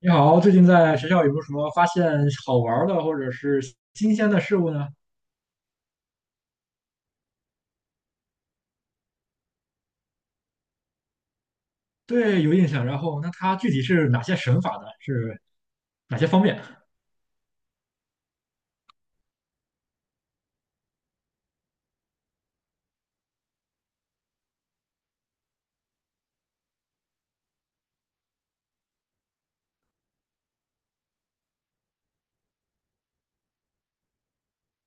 你好，最近在学校有没有什么发现好玩儿的或者是新鲜的事物呢？对，有印象。然后，那它具体是哪些神法呢？是哪些方面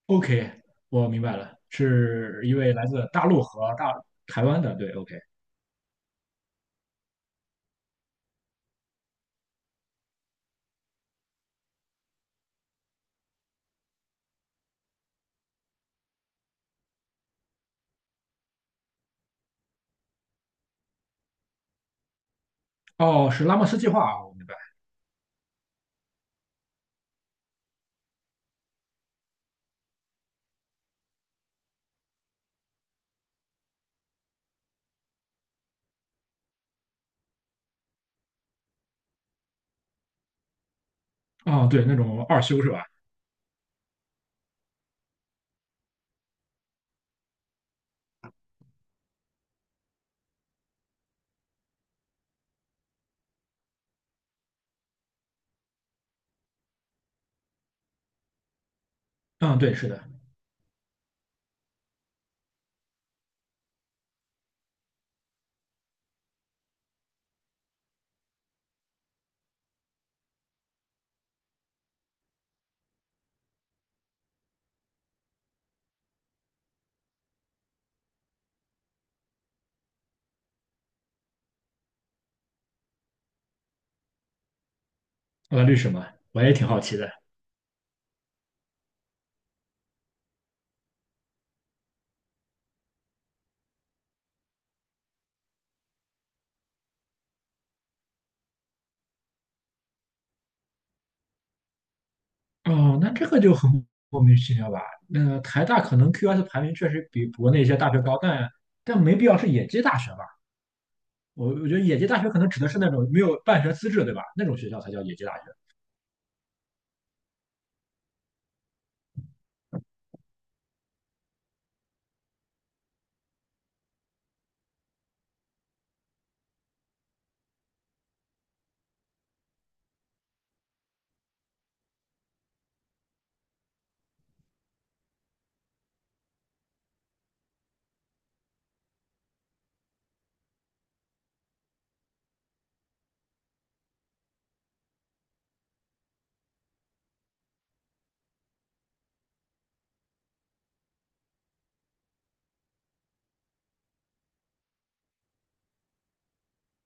？OK，我明白了，是一位来自大陆和大台湾的。对，OK。哦，是拉莫斯计划啊，我明白。哦，对，那种二修是吧？嗯，对，是的。我律师嘛，我也挺好奇的。哦，那这个就很莫名其妙吧？那台大可能 QS 排名确实比国内一些大学高，但没必要是野鸡大学吧？我觉得野鸡大学可能指的是那种没有办学资质，对吧？那种学校才叫野鸡大学。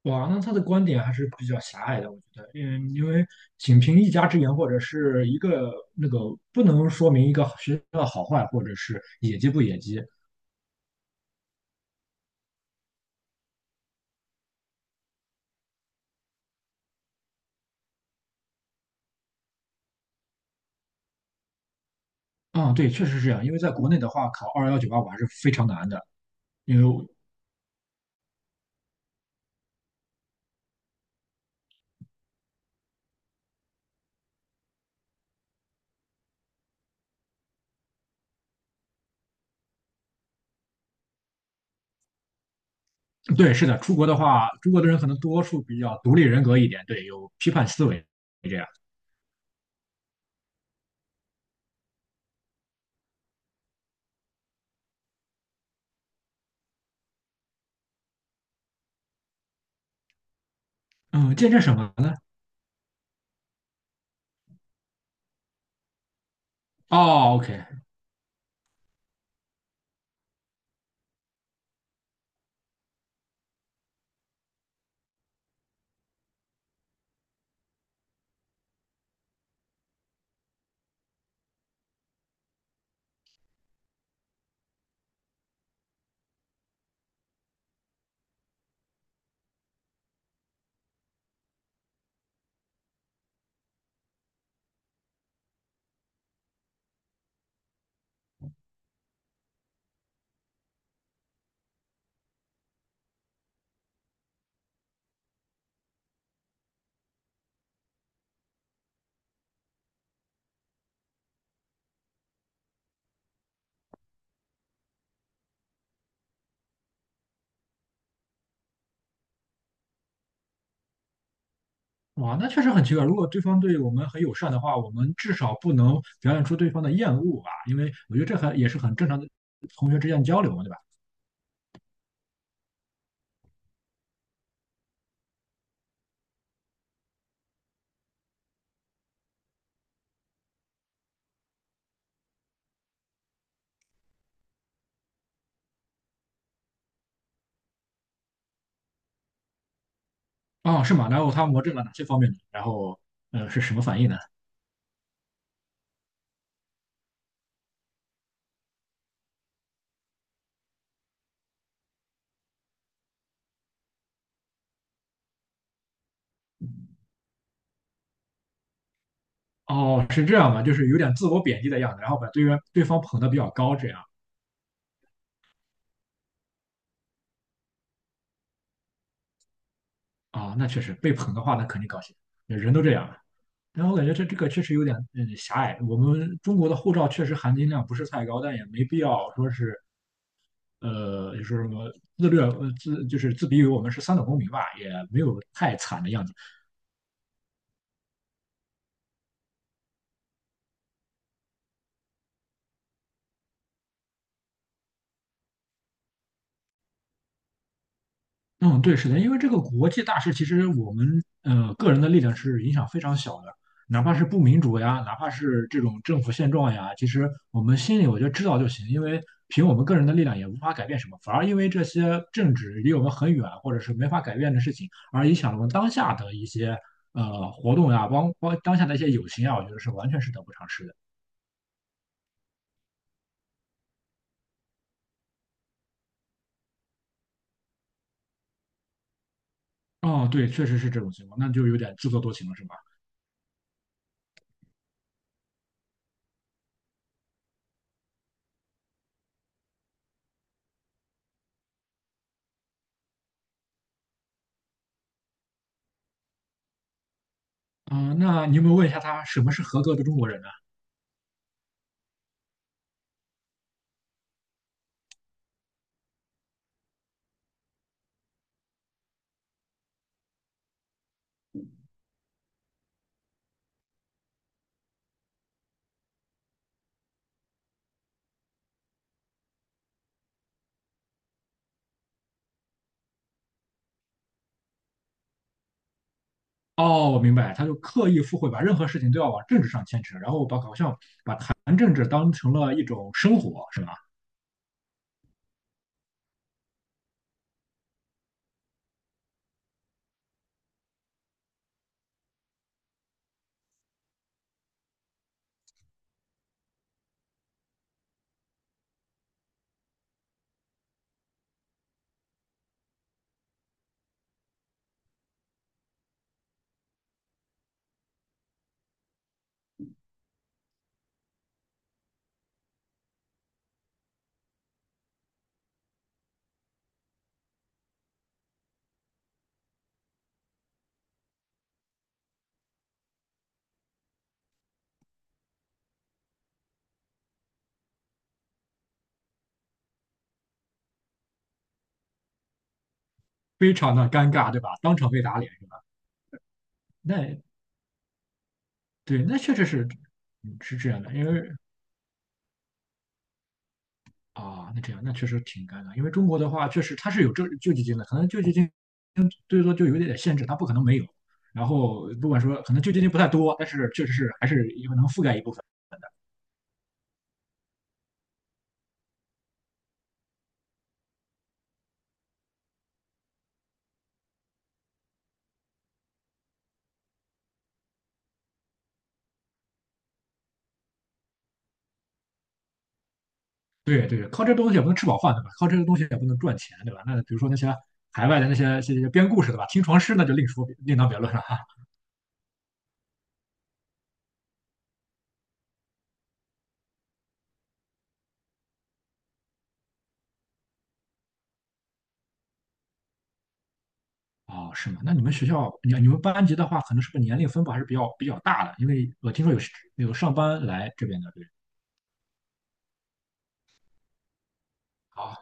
哇，那他的观点还是比较狭隘的，我觉得，嗯，因为仅凭一家之言或者是一个那个，不能说明一个学校的好坏，或者是野鸡不野鸡。啊、对，确实是这样。因为在国内的话，考211 985还是非常难的，因为对，是的，出国的话，中国的人可能多数比较独立人格一点，对，有批判思维这样。嗯，见证什么呢？哦，OK，哇，那确实很奇怪。如果对方对我们很友善的话，我们至少不能表现出对方的厌恶吧，因为我觉得这很也是很正常的同学之间的交流嘛，对吧？哦，是吗？然后他魔怔了哪些方面呢？然后，是什么反应呢？哦，是这样吧，就是有点自我贬低的样子，然后把对方捧得比较高，这样啊、那确实被捧的话，那肯定高兴，人都这样了。然后我感觉这个确实有点嗯狭隘。我们中国的护照确实含金量不是太高，但也没必要说是就是什么自虐，就是自比于我们是三等公民吧，也没有太惨的样子。嗯，对，是的，因为这个国际大事，其实我们个人的力量是影响非常小的，哪怕是不民主呀，哪怕是这种政府现状呀，其实我们心里我觉得知道就行，因为凭我们个人的力量也无法改变什么，反而因为这些政治离我们很远，或者是没法改变的事情，而影响了我们当下的一些活动呀，包当下的一些友情啊，我觉得是完全是得不偿失的。哦，对，确实是这种情况，那就有点自作多情了，是吧？啊、那你有没有问一下他什么是合格的中国人呢？哦，我明白，他就刻意附会，把任何事情都要往政治上牵扯，然后把好像把谈政治当成了一种生活，是吧？非常的尴尬，对吧？当场被打脸，是吧？那对，那确实是，嗯是这样的，因为啊，那这样那确实挺尴尬，因为中国的话，确实它是有这救济金的，可能救济金最多就有一点点限制，它不可能没有。然后不管说，可能救济金不太多，但是确实是还是有能覆盖一部分。对对，靠这个东西也不能吃饱饭，对吧？靠这个东西也不能赚钱，对吧？那比如说那些海外的那些这些编故事，的吧？听床师那就另说，另当别论了哈。哦，是吗？那你们学校，你们班级的话，可能是不是年龄分布还是比较比较大的？因为我听说有有上班来这边的，对。好，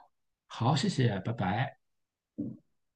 好，谢谢，拜拜。